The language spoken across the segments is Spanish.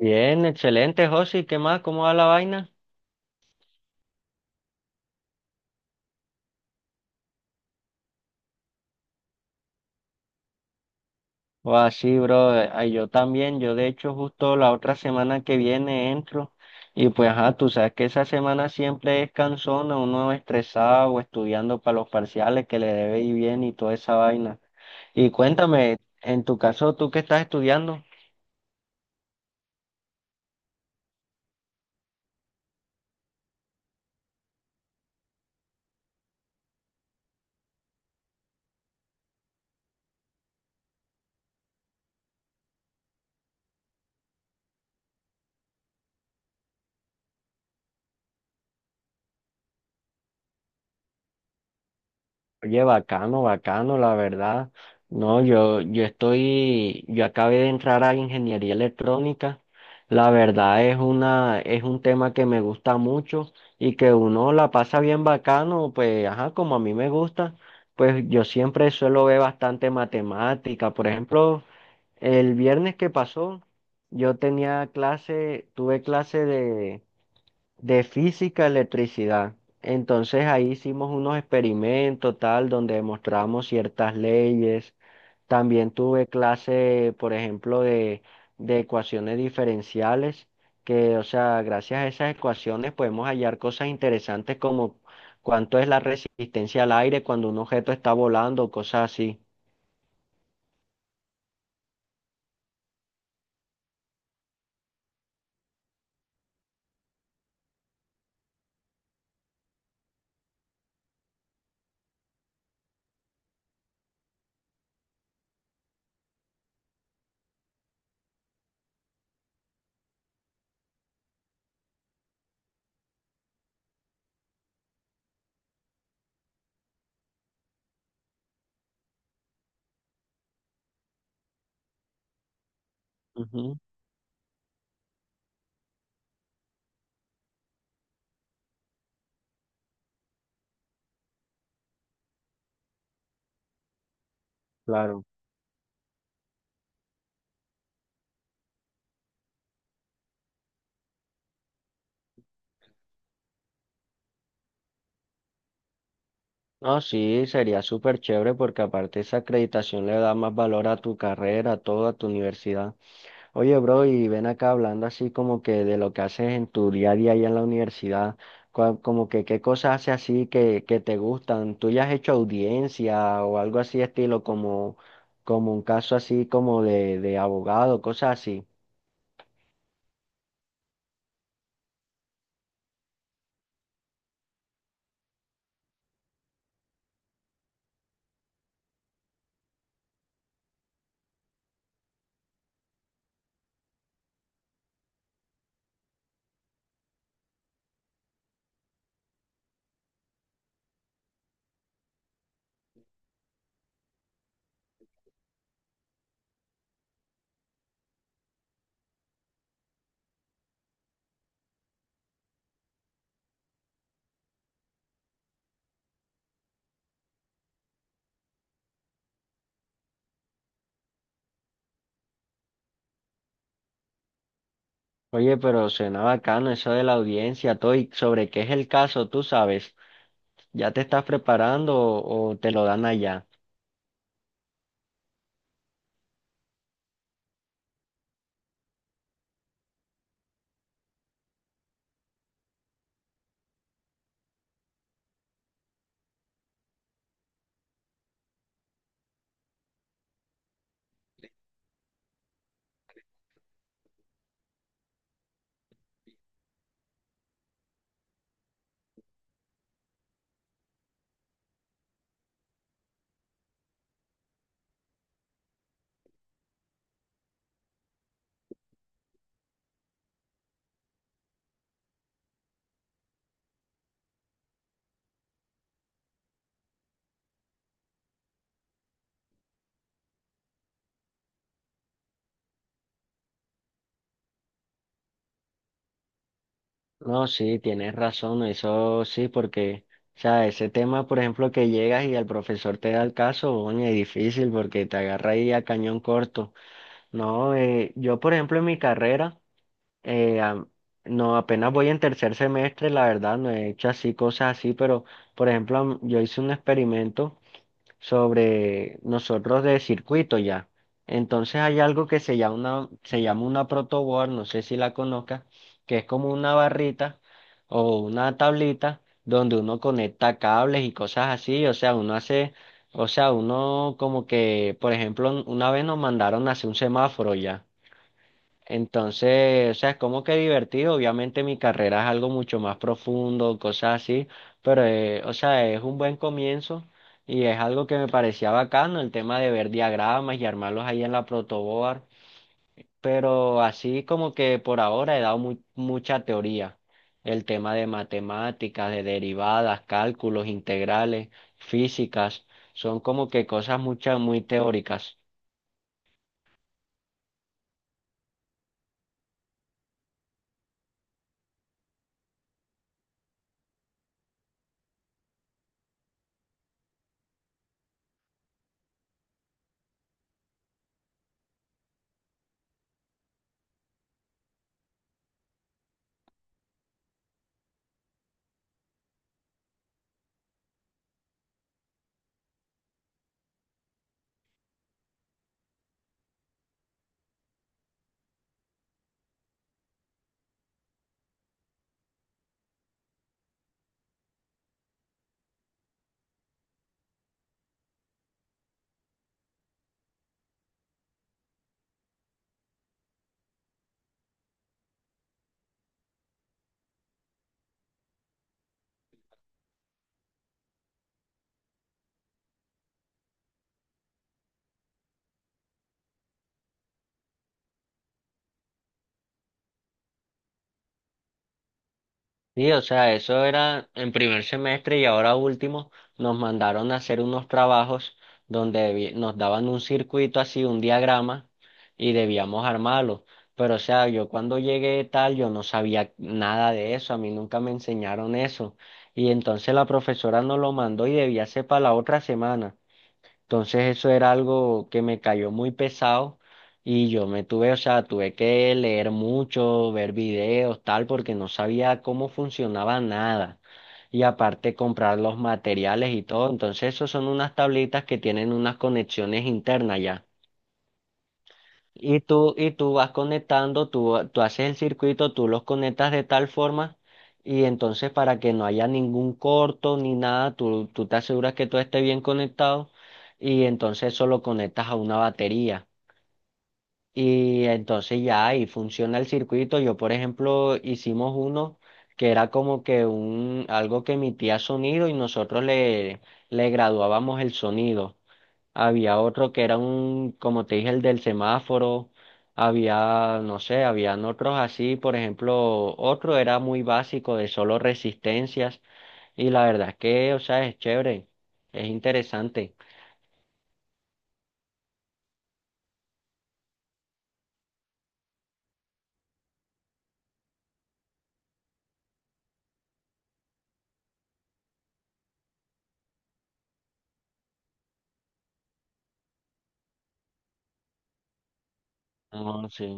Bien, excelente, José. ¿Qué más? ¿Cómo va la vaina? O así, bro. Ay, yo también. Yo, de hecho, justo la otra semana que viene entro. Y pues, ajá, tú sabes que esa semana siempre es cansona, uno estresado o estudiando para los parciales que le debe ir bien y toda esa vaina. Y cuéntame, en tu caso, ¿tú qué estás estudiando? Oye, bacano, bacano, la verdad. No, yo estoy, yo acabé de entrar a ingeniería electrónica. La verdad es una, es un tema que me gusta mucho y que uno la pasa bien bacano, pues, ajá, como a mí me gusta, pues yo siempre suelo ver bastante matemática. Por ejemplo, el viernes que pasó, yo tenía clase, tuve clase de física, electricidad. Entonces ahí hicimos unos experimentos tal, donde demostramos ciertas leyes. También tuve clase, por ejemplo, de ecuaciones diferenciales, que, o sea, gracias a esas ecuaciones podemos hallar cosas interesantes como cuánto es la resistencia al aire cuando un objeto está volando, cosas así. Ujú, claro. No, sí, sería súper chévere porque aparte esa acreditación le da más valor a tu carrera, a toda tu universidad. Oye, bro, y ven acá hablando así como que de lo que haces en tu día a día allá en la universidad, como que qué cosas haces así que te gustan. ¿Tú ya has hecho audiencia o algo así estilo como, como un caso así como de abogado, cosas así? Oye, pero suena bacano eso de la audiencia, todo, y sobre qué es el caso, tú sabes, ¿ya te estás preparando o te lo dan allá? No, sí, tienes razón, eso sí, porque, o sea, ese tema, por ejemplo, que llegas y el profesor te da el caso, oye, es difícil porque te agarra ahí a cañón corto. No, yo, por ejemplo, en mi carrera, eh, am- no, apenas voy en tercer semestre, la verdad, no he hecho así cosas así, pero, por ejemplo, yo hice un experimento sobre nosotros de circuito ya. Entonces hay algo que se llama una protoboard, no sé si la conozcas, que es como una barrita o una tablita donde uno conecta cables y cosas así, o sea, uno hace, o sea, uno como que, por ejemplo, una vez nos mandaron a hacer un semáforo ya. Entonces, o sea, es como que divertido. Obviamente mi carrera es algo mucho más profundo, cosas así, pero, o sea, es un buen comienzo y es algo que me parecía bacano, el tema de ver diagramas y armarlos ahí en la protoboard. Pero así como que por ahora he dado mucha teoría. El tema de matemáticas, de derivadas, cálculos integrales, físicas, son como que cosas muchas muy teóricas. Sí, o sea, eso era en primer semestre y ahora último nos mandaron a hacer unos trabajos donde nos daban un circuito así, un diagrama y debíamos armarlo. Pero o sea, yo cuando llegué tal, yo no sabía nada de eso, a mí nunca me enseñaron eso. Y entonces la profesora nos lo mandó y debía ser para la otra semana. Entonces eso era algo que me cayó muy pesado y yo me tuve, o sea, tuve que leer mucho, ver videos, tal, porque no sabía cómo funcionaba nada. Y aparte comprar los materiales y todo. Entonces esos son unas tablitas que tienen unas conexiones internas ya. Y tú vas conectando, tú haces el circuito, tú los conectas de tal forma y entonces para que no haya ningún corto ni nada, tú te aseguras que todo esté bien conectado y entonces eso lo conectas a una batería. Y entonces ya ahí funciona el circuito. Yo, por ejemplo, hicimos uno que era como que un, algo que emitía sonido y nosotros le, le graduábamos el sonido había otro que era un, como te dije, el del semáforo, había, no sé, habían otros así, por ejemplo, otro era muy básico de solo resistencias y la verdad es que, o sea, es chévere, es interesante. No, sí.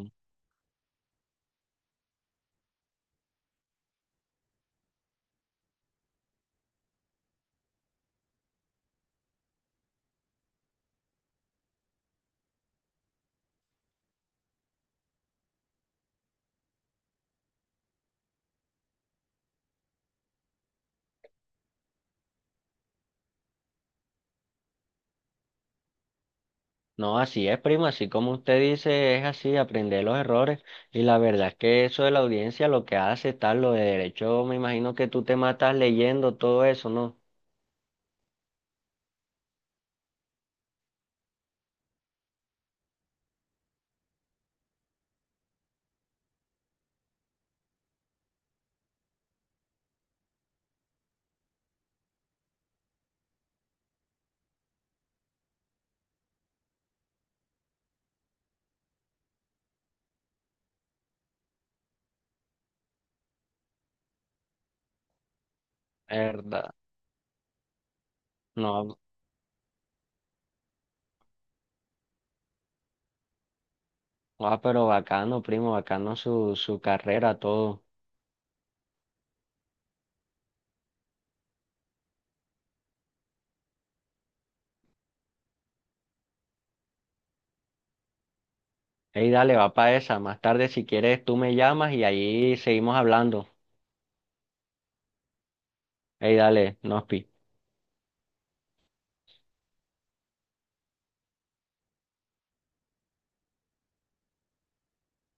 No, así es, primo, así como usted dice, es así, aprender los errores y la verdad es que eso de la audiencia lo que hace está lo de derecho, me imagino que tú te matas leyendo todo eso, ¿no? ¿Verdad? No. Ah, pero bacano, primo, bacano su, su carrera, todo. Ey, dale, va para esa. Más tarde, si quieres, tú me llamas y ahí seguimos hablando. Ey, dale, nos pi.